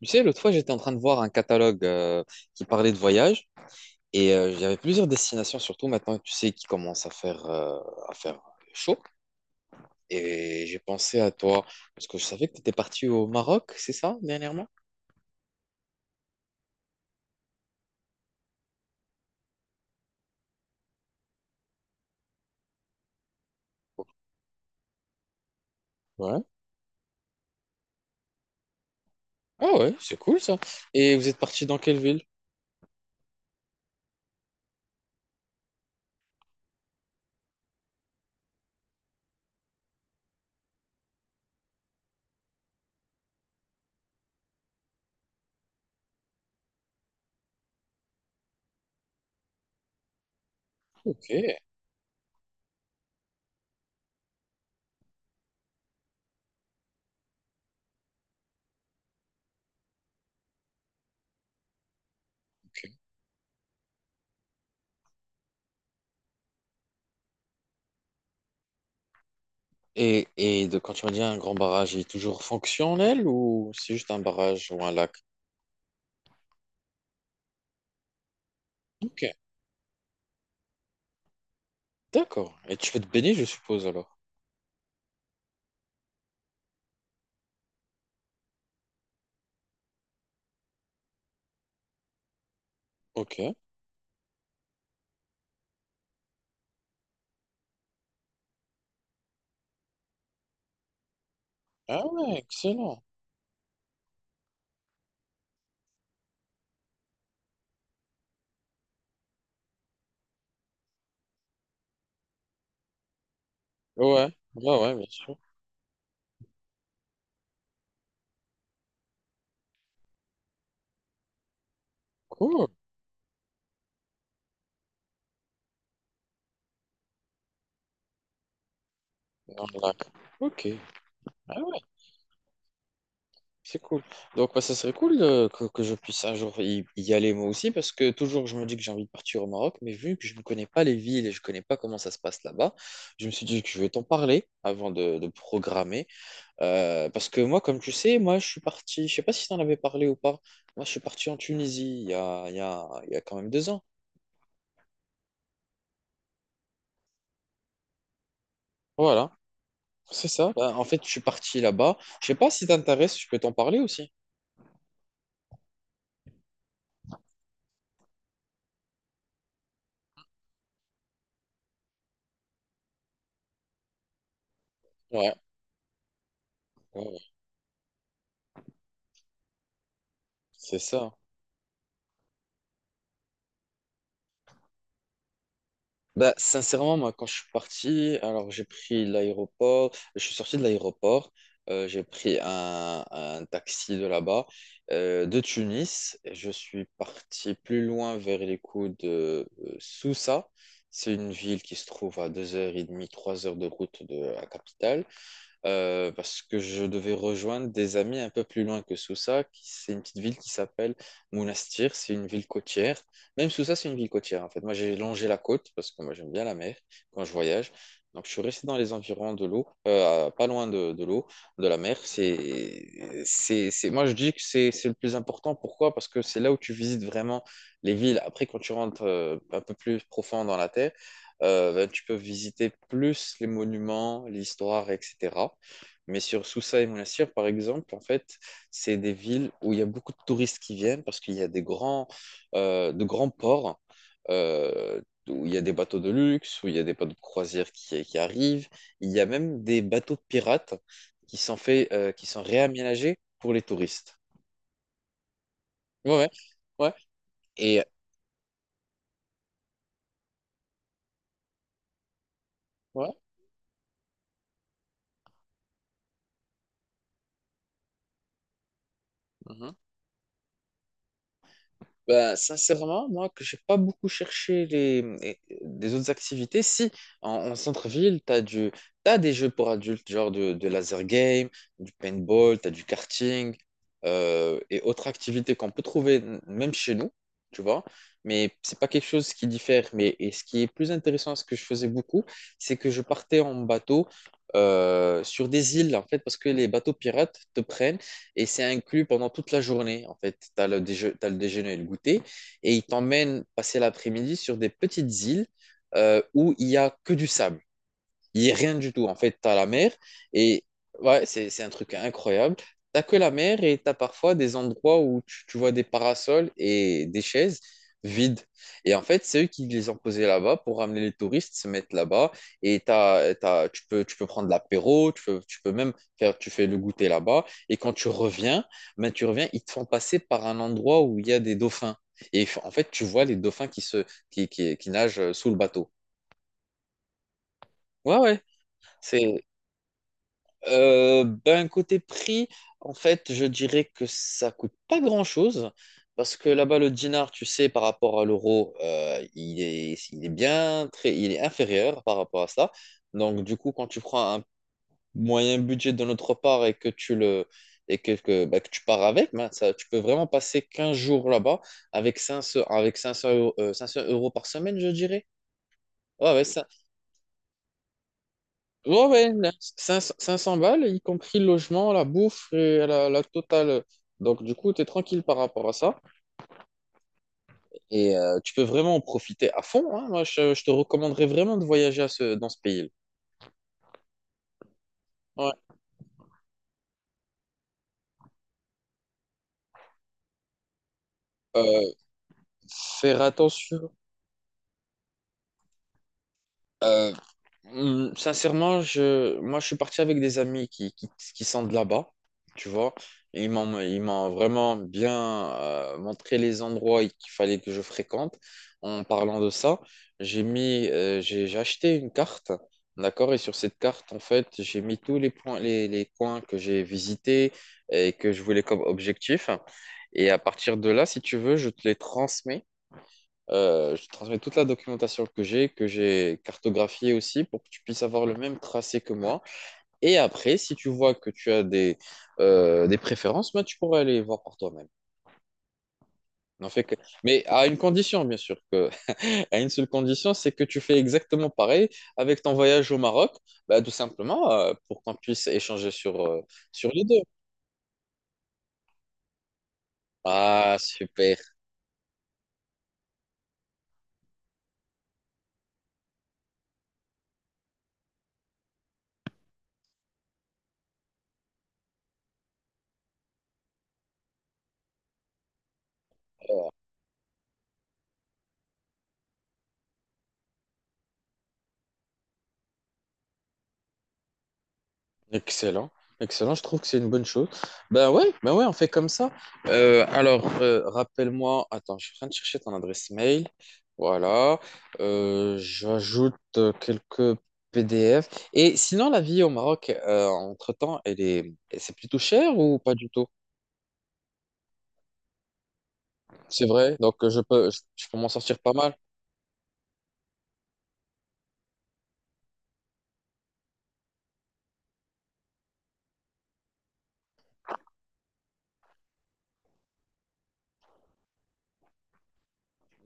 Tu sais, l'autre fois, j'étais en train de voir un catalogue qui parlait de voyage et il y avait plusieurs destinations, surtout maintenant, tu sais, qui commence à faire chaud. Et j'ai pensé à toi parce que je savais que tu étais parti au Maroc, c'est ça, dernièrement? Ouais. Ah ouais, c'est cool ça. Et vous êtes parti dans quelle ville? Ok, ok. Quand tu m'as dit un grand barrage, il est toujours fonctionnel ou c'est juste un barrage ou un lac? Ok, d'accord. Et tu fais te baigner, je suppose, alors. Ok. Ah ouais, excellent. Ouais, ouais, ouais, bien sûr. Cool, dans le lac. Ok. Ah ouais, c'est cool. Donc, bah, ça serait cool que je puisse un jour y aller moi aussi, parce que toujours je me dis que j'ai envie de partir au Maroc, mais vu que je ne connais pas les villes et je ne connais pas comment ça se passe là-bas, je me suis dit que je vais t'en parler avant de programmer. Parce que moi, comme tu sais, moi je suis parti, je sais pas si t'en avais parlé ou pas, moi je suis parti en Tunisie il y a quand même 2 ans. Voilà, c'est ça. Bah, en fait, je suis parti là-bas. Je sais pas si t'intéresses, je peux t'en parler aussi. Ouais, ouais, ouais. C'est ça. Bah, sincèrement, moi, quand je suis parti, alors j'ai pris l'aéroport, je suis sorti de l'aéroport, j'ai pris un taxi de là-bas, de Tunis, et je suis parti plus loin vers les coups de Sousa. C'est une ville qui se trouve à 2h30, 3 heures de route de la capitale parce que je devais rejoindre des amis un peu plus loin que Sousa, qui c'est une petite ville qui s'appelle Monastir, c'est une ville côtière. Même Sousa, c'est une ville côtière en fait. Moi, j'ai longé la côte parce que moi, j'aime bien la mer quand je voyage. Donc, je suis resté dans les environs de l'eau, pas loin de l'eau, de la mer. Moi, je dis que c'est le plus important. Pourquoi? Parce que c'est là où tu visites vraiment les villes. Après, quand tu rentres un peu plus profond dans la terre, ben, tu peux visiter plus les monuments, l'histoire, etc. Mais sur Sousa et Monastir, par exemple, en fait, c'est des villes où il y a beaucoup de touristes qui viennent parce qu'il y a des grands, de grands ports euh, où il y a des bateaux de luxe, où il y a des bateaux de croisière qui arrivent. Il y a même des bateaux de pirates qui sont faits, qui sont réaménagés pour les touristes. Ouais, ouais, ouais. Et ouais. Ben sincèrement, moi, que j'ai pas beaucoup cherché des autres activités. Si, en centre-ville, t'as des jeux pour adultes, genre de laser game, du paintball, t'as du karting, et autres activités qu'on peut trouver même chez nous, tu vois. Mais c'est pas quelque chose qui diffère. Mais, et ce qui est plus intéressant, ce que je faisais beaucoup, c'est que je partais en bateau, sur des îles, en fait, parce que les bateaux pirates te prennent et c'est inclus pendant toute la journée. En fait, tu as le déje- t'as le déjeuner et le goûter et ils t'emmènent passer l'après-midi sur des petites îles où il n'y a que du sable. Il n'y a rien du tout. En fait, tu as la mer et ouais, c'est un truc incroyable. T'as que la mer et t'as parfois des endroits où tu vois des parasols et des chaises vides. Et en fait, c'est eux qui les ont posés là-bas pour ramener les touristes, se mettre là-bas. Et tu peux prendre l'apéro, tu peux même faire, tu fais le goûter là-bas. Et quand tu reviens, ben, tu reviens, ils te font passer par un endroit où il y a des dauphins. Et en fait, tu vois les dauphins qui se, qui nagent sous le bateau. Ouais, ouais. C'est, euh, ben, côté prix, en fait, je dirais que ça coûte pas grand-chose. Parce que là-bas, le dinar, tu sais, par rapport à l'euro, il est bien très, il est inférieur par rapport à ça. Donc, du coup, quand tu prends un moyen budget de notre part et bah, que tu pars avec, ben, ça, tu peux vraiment passer 15 jours là-bas avec 500 euros 500 euros par semaine, je dirais. Ouais, ouais, ouais, ouais, 500 balles, y compris le logement, la bouffe et la totale. Donc, du coup, tu es tranquille par rapport à ça. Et tu peux vraiment en profiter à fond, hein. Moi, je te recommanderais vraiment de voyager à dans ce pays-là. Ouais. Euh, faire attention. Euh, hum, sincèrement, moi, je suis parti avec des amis qui sont de là-bas, tu vois. Et ils m'ont vraiment bien montré les endroits qu'il fallait que je fréquente. En parlant de ça, j'ai acheté une carte, d'accord? Et sur cette carte, en fait, j'ai mis tous les points, les coins que j'ai visités et que je voulais comme objectif. Et à partir de là, si tu veux, je te les transmets. Je te transmets toute la documentation que j'ai cartographiée aussi, pour que tu puisses avoir le même tracé que moi. Et après, si tu vois que tu as des préférences, ben, tu pourras aller voir par toi-même. N'en fais que... Mais à une condition, bien sûr, que... à une seule condition, c'est que tu fais exactement pareil avec ton voyage au Maroc, ben, tout simplement pour qu'on puisse échanger sur, sur les deux. Ah, super. Excellent, excellent, je trouve que c'est une bonne chose. Ben ouais, on fait comme ça. Rappelle-moi, attends, je suis en train de chercher ton adresse mail. Voilà, j'ajoute quelques PDF. Et sinon, la vie au Maroc, entre-temps, c'est plutôt cher ou pas du tout? C'est vrai, donc je peux, je peux m'en sortir pas mal.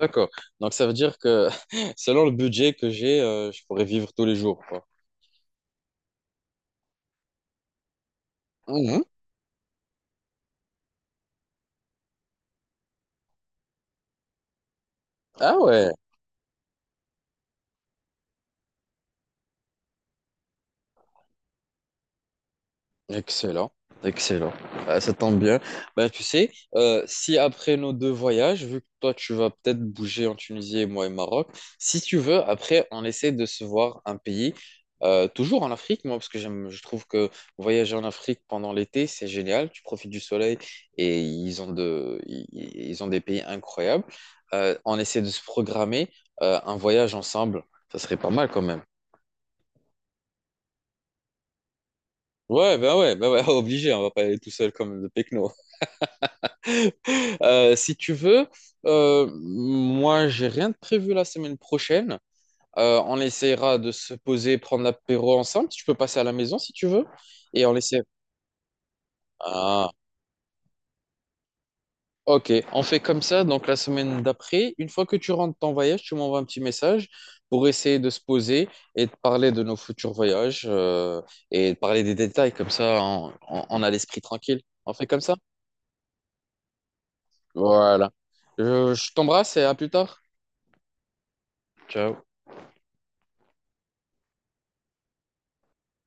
D'accord, donc ça veut dire que selon le budget que j'ai, je pourrais vivre tous les jours, quoi. Mhm. Ah ouais. Excellent, excellent. Ah, ça tombe bien. Bah, tu sais, si après nos deux voyages, vu que toi tu vas peut-être bouger en Tunisie et moi au Maroc, si tu veux, après on essaie de se voir un pays, toujours en Afrique, moi, parce que j'aime, je trouve que voyager en Afrique pendant l'été, c'est génial. Tu profites du soleil et ils ont de, ils ont des pays incroyables. On essaie de se programmer un voyage ensemble. Ça serait pas mal quand même. Ouais, bah ouais, bah ouais, obligé, on va pas aller tout seul comme le Pecno. Si tu veux, moi, j'ai rien de prévu la semaine prochaine. On essaiera de se poser, prendre l'apéro ensemble. Tu peux passer à la maison si tu veux. Et on essaie. Ah, ok. On fait comme ça. Donc, la semaine d'après, une fois que tu rentres de ton voyage, tu m'envoies un petit message pour essayer de se poser et de parler de nos futurs voyages et de parler des détails. Comme ça, on a l'esprit tranquille. On fait comme ça? Voilà. Je t'embrasse et à plus tard. Ciao.